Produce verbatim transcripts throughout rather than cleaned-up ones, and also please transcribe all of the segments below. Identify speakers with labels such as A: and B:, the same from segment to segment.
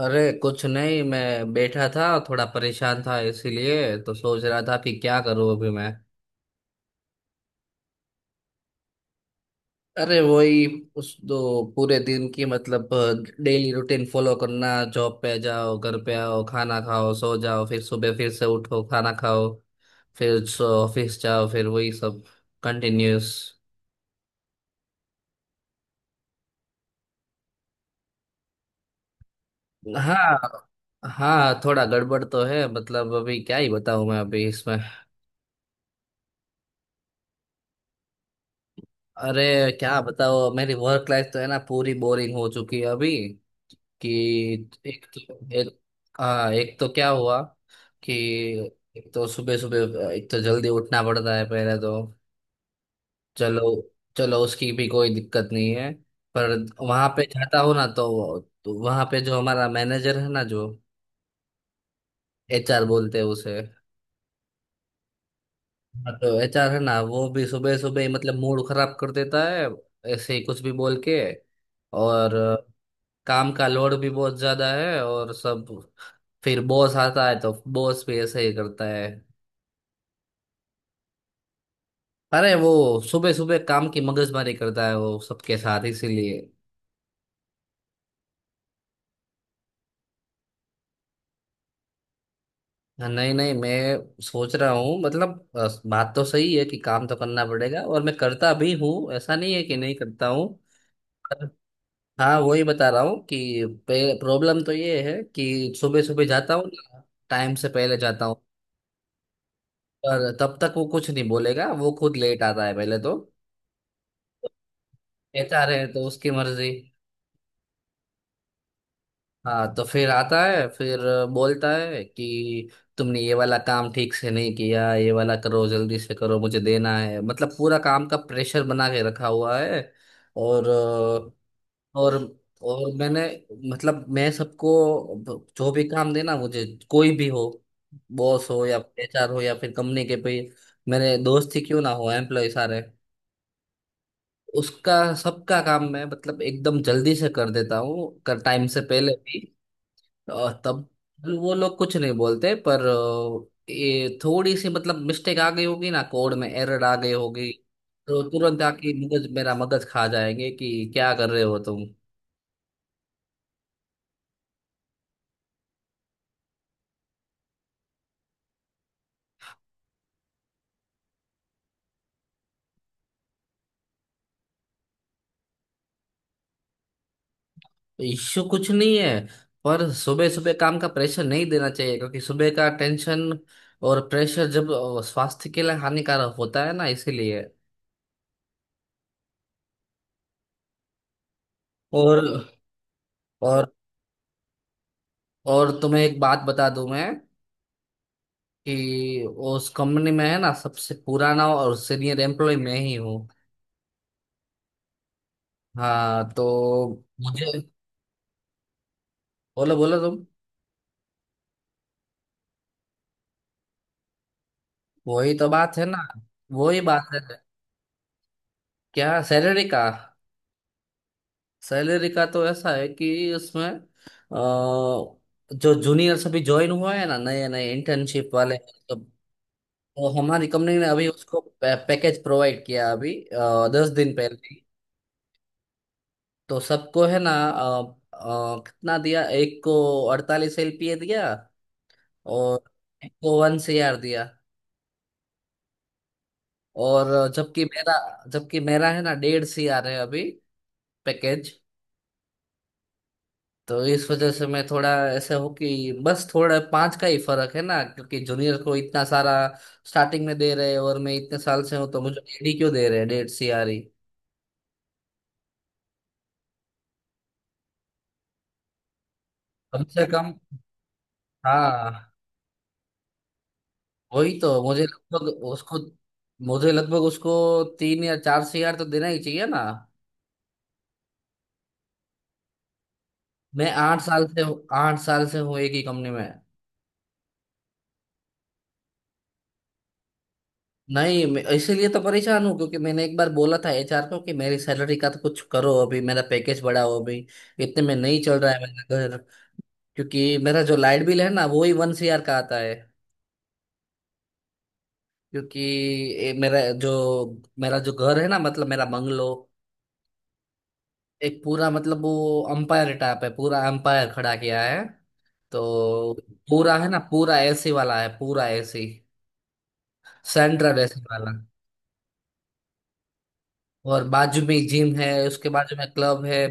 A: अरे कुछ नहीं, मैं बैठा था। थोड़ा परेशान था, इसीलिए तो सोच रहा था कि क्या करूं अभी मैं। अरे वही, उस दो पूरे दिन की मतलब डेली रूटीन फॉलो करना। जॉब पे जाओ, घर पे आओ, खाना खाओ, सो जाओ, फिर सुबह फिर से उठो, खाना खाओ, फिर सो ऑफिस जाओ, फिर वही सब कंटिन्यूस। हाँ, हाँ थोड़ा गड़बड़ तो है। मतलब अभी क्या ही बताऊं मैं अभी इसमें। अरे क्या बताओ, मेरी वर्क लाइफ तो है ना पूरी बोरिंग हो चुकी है अभी। कि एक तो एक, हाँ एक तो क्या हुआ कि एक तो सुबह सुबह, एक तो जल्दी उठना पड़ता है पहले तो। चलो, चलो उसकी भी कोई दिक्कत नहीं है। पर वहां पे जाता हूँ ना तो, तो वहां पे जो हमारा मैनेजर है ना, जो एचआर बोलते हैं उसे। हाँ, तो एच आर है ना वो भी सुबह सुबह ही मतलब मूड खराब कर देता है, ऐसे ही कुछ भी बोल के। और अ, काम का लोड भी बहुत ज्यादा है। और सब, फिर बॉस आता है तो बॉस भी ऐसे ही करता है। अरे वो सुबह सुबह काम की मगजमारी करता है वो सबके साथ, इसीलिए। नहीं नहीं, मैं सोच रहा हूँ मतलब अ, बात तो सही है कि काम तो करना पड़ेगा, और मैं करता भी हूँ, ऐसा नहीं है कि नहीं करता हूँ। पर- हाँ वही बता रहा हूँ कि प्रॉब्लम तो ये है कि सुबह सुबह जाता हूँ ना, टाइम से पहले जाता हूँ। पर तब तक वो कुछ नहीं बोलेगा, वो खुद लेट आता है पहले तो। कहता रहे तो उसकी मर्जी। हाँ, तो फिर आता है, फिर बोलता है कि तुमने ये वाला काम ठीक से नहीं किया, ये वाला करो, जल्दी से करो, मुझे देना है। मतलब पूरा काम का प्रेशर बना के रखा हुआ है। और और और मैंने, मतलब मैं सबको, जो भी काम देना मुझे, कोई भी हो, बॉस हो या एच आर हो या फिर कंपनी के पे मेरे दोस्त ही क्यों ना हो, एम्प्लॉय सारे, उसका सबका काम मैं मतलब एकदम जल्दी से कर देता हूँ, कर टाइम से पहले भी। और तब वो लोग कुछ नहीं बोलते, पर अ, ये थोड़ी सी मतलब मिस्टेक आ गई होगी ना, कोड में एरर आ गई होगी, तो तुरंत आके मगज मेरा मगज खा जाएंगे कि क्या कर रहे हो तुम। इश्यू कुछ नहीं है, पर सुबह सुबह काम का प्रेशर नहीं देना चाहिए, क्योंकि सुबह का टेंशन और प्रेशर जब अ, स्वास्थ्य के लिए हानिकारक होता है ना, इसीलिए। और और और तुम्हें एक बात बता दूं मैं कि उस कंपनी में है ना सबसे पुराना और सीनियर एम्प्लॉय मैं ही हूँ। हाँ, तो मुझे, बोलो बोलो तुम। वही तो बात है ना, वही बात है। क्या सैलरी का? सैलरी का तो ऐसा है कि उसमें अ, जो जूनियर्स अभी ज्वाइन हुआ है ना, नए नए इंटर्नशिप वाले, तो, तो हमारी कंपनी ने अभी उसको पै, पैकेज प्रोवाइड किया अभी आ, दस दिन पहले ही। तो सबको है ना, अ, अ, कितना दिया एक को, अड़तालीस एल पी ए दिया। और एक को वन सी आर दिया। और जबकि मेरा जबकि मेरा है ना डेढ़ सी आर आ रहे हैं अभी पैकेज। तो इस वजह से मैं थोड़ा ऐसे हो कि बस थोड़ा पांच का ही फर्क है ना, क्योंकि जूनियर को इतना सारा स्टार्टिंग में दे रहे हैं और मैं इतने साल से हूँ तो मुझे डेढ़ ही क्यों दे रहे हैं, डेढ़ सी आर आ रही। कम से कम, हाँ वही तो। मुझे लगभग उसको मुझे लगभग उसको तीन या चार सी आर तो देना ही चाहिए ना। मैं आठ साल से हूँ आठ साल से हूँ एक ही कंपनी में। नहीं मैं- इसीलिए तो परेशान हूँ, क्योंकि मैंने एक बार बोला था एच आर को कि मेरी सैलरी का तो कुछ करो, अभी मेरा पैकेज बढ़ाओ। अभी इतने में नहीं चल रहा है मेरा घर, क्योंकि मेरा जो लाइट बिल है ना वो ही वन सी आर का आता है। क्योंकि ये मेरा जो मेरा जो घर है ना, मतलब मेरा बंगलो, एक पूरा मतलब वो अंपायर टाइप है, पूरा अंपायर खड़ा किया है। तो पूरा है ना पूरा ए सी वाला है, पूरा एसी, सेंट्रल ए सी वाला। और बाजू में जिम है, उसके बाजू में क्लब है।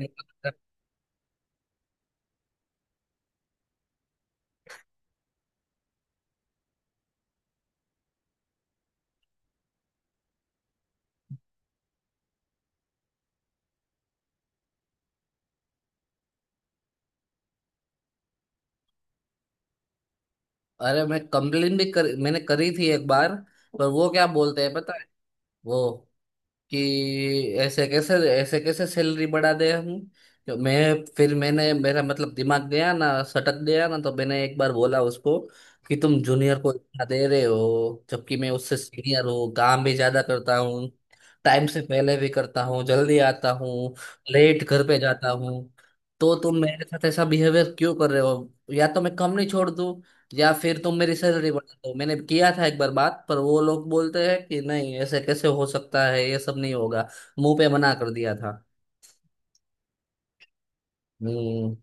A: अरे मैं कंप्लेन भी कर मैंने करी थी एक बार, पर वो क्या बोलते हैं पता है? वो कि ऐसे कैसे, ऐसे कैसे सैलरी बढ़ा दे हम। तो मैं, फिर मैंने मेरा मतलब दिमाग गया ना, सटक गया ना, तो मैंने एक बार बोला उसको कि तुम जूनियर को इतना दे रहे हो, जबकि मैं उससे सीनियर हूँ, काम भी ज्यादा करता हूँ, टाइम से पहले भी करता हूँ, जल्दी आता हूँ, लेट घर पे जाता हूँ। तो तुम मेरे साथ ऐसा बिहेवियर क्यों कर रहे हो? या तो मैं कंपनी छोड़ दूँ या फिर तुम मेरी सैलरी बढ़ा दो। मैंने किया था एक बार बात, पर वो लोग बोलते हैं कि नहीं ऐसे कैसे हो सकता है, ये सब नहीं होगा। मुंह पे मना कर दिया था। हम्म।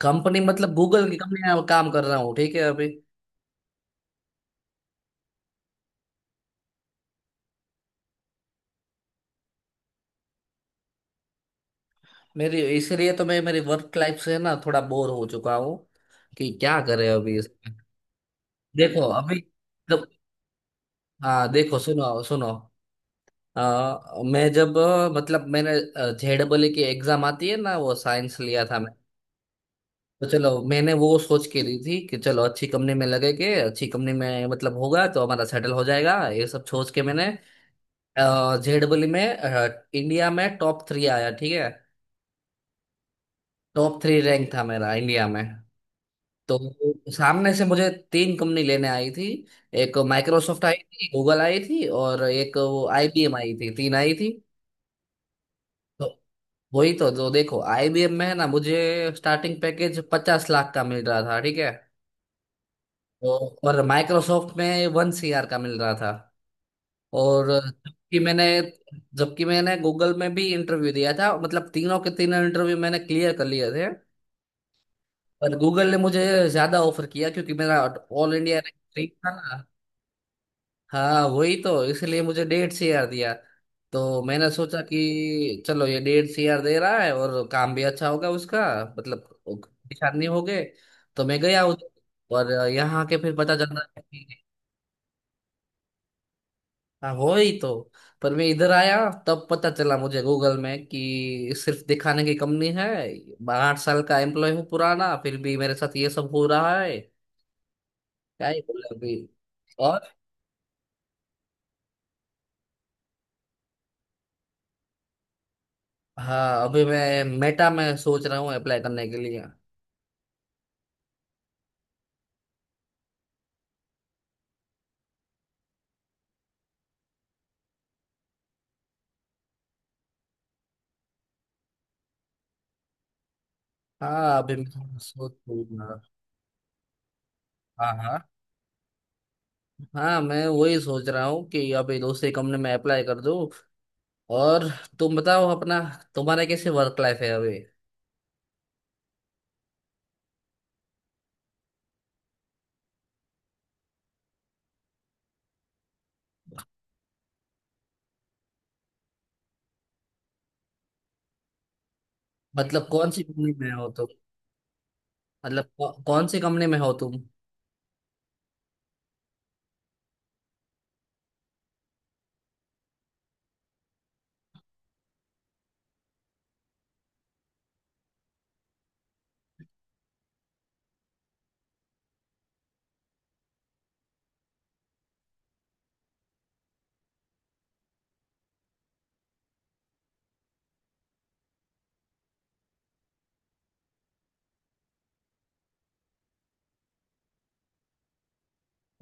A: कंपनी मतलब गूगल की कंपनी में काम कर रहा हूँ, ठीक है अभी। मेरी इसलिए तो मैं मेरी वर्क लाइफ से ना थोड़ा बोर हो चुका हूँ कि क्या करे अभी इसमें। देखो अभी, हाँ देखो, सुनो सुनो, अ, मैं जब अ, मतलब मैंने जे डबल की एग्जाम आती है ना, वो साइंस लिया था मैं। तो चलो मैंने वो सोच के दी थी कि चलो अच्छी कंपनी में लगेंगे, अच्छी कंपनी में मतलब होगा तो हमारा सेटल हो जाएगा, ये सब सोच के मैंने जे डबल में अ, इंडिया में टॉप थ्री आया, ठीक है। टॉप थ्री रैंक था मेरा इंडिया में। तो सामने से मुझे तीन कंपनी लेने आई थी। एक माइक्रोसॉफ्ट आई थी, गूगल आई थी और एक वो आई बी एम आई थी, तीन आई थी। तो वही तो, जो देखो आई बी एम में है ना मुझे स्टार्टिंग पैकेज पचास लाख का मिल रहा था, ठीक है। तो और माइक्रोसॉफ्ट में वन सी आर का मिल रहा था। और जबकि मैंने जबकि मैंने गूगल में भी इंटरव्यू दिया था, मतलब तीनों के तीनों इंटरव्यू मैंने क्लियर कर लिए थे। पर गूगल ने मुझे ज्यादा ऑफर किया, क्योंकि मेरा ऑल इंडिया रैंक था ना। हाँ वही तो, इसलिए मुझे डेढ़ से यार दिया। तो मैंने सोचा कि चलो ये डेढ़ से यार दे रहा है और काम भी अच्छा होगा उसका, मतलब परेशान नहीं हो गए। तो मैं गया उधर, और यहाँ के फिर पता चला कि, हाँ हो ही तो, पर मैं इधर आया तब पता चला मुझे गूगल में कि सिर्फ दिखाने की कंपनी है। आठ साल का एम्प्लॉय हूँ पुराना, फिर भी मेरे साथ ये सब हो रहा है। क्या ही बोले अभी। और हाँ, अभी मैं मेटा में सोच रहा हूँ अप्लाई करने के लिए। हाँ अभी मैं सोच रहा- हाँ हाँ, हाँ मैं वही सोच रहा हूँ कि अभी दूसरी कंपनी में अप्लाई कर दूँ। और तुम बताओ अपना, तुम्हारा कैसे वर्क लाइफ है अभी? मतलब कौन सी कंपनी में हो तुम? मतलब कौ, कौन सी कंपनी में हो तुम?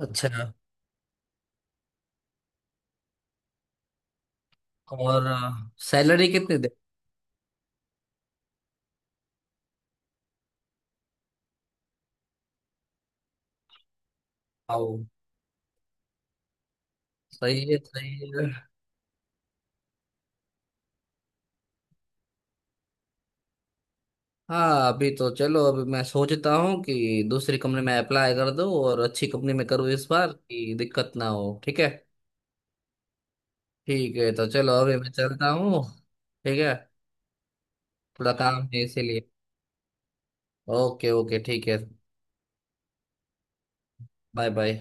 A: अच्छा। और सैलरी कितनी दे पाओ? सही है, सही है। हाँ अभी तो चलो, अभी मैं सोचता हूँ कि दूसरी कंपनी में अप्लाई कर दूँ और अच्छी कंपनी में करूँ इस बार कि दिक्कत ना हो, ठीक है। ठीक है, तो चलो अभी मैं चलता हूँ। ठीक है, थोड़ा काम है इसीलिए। ओके ओके, ठीक है। Bye bye.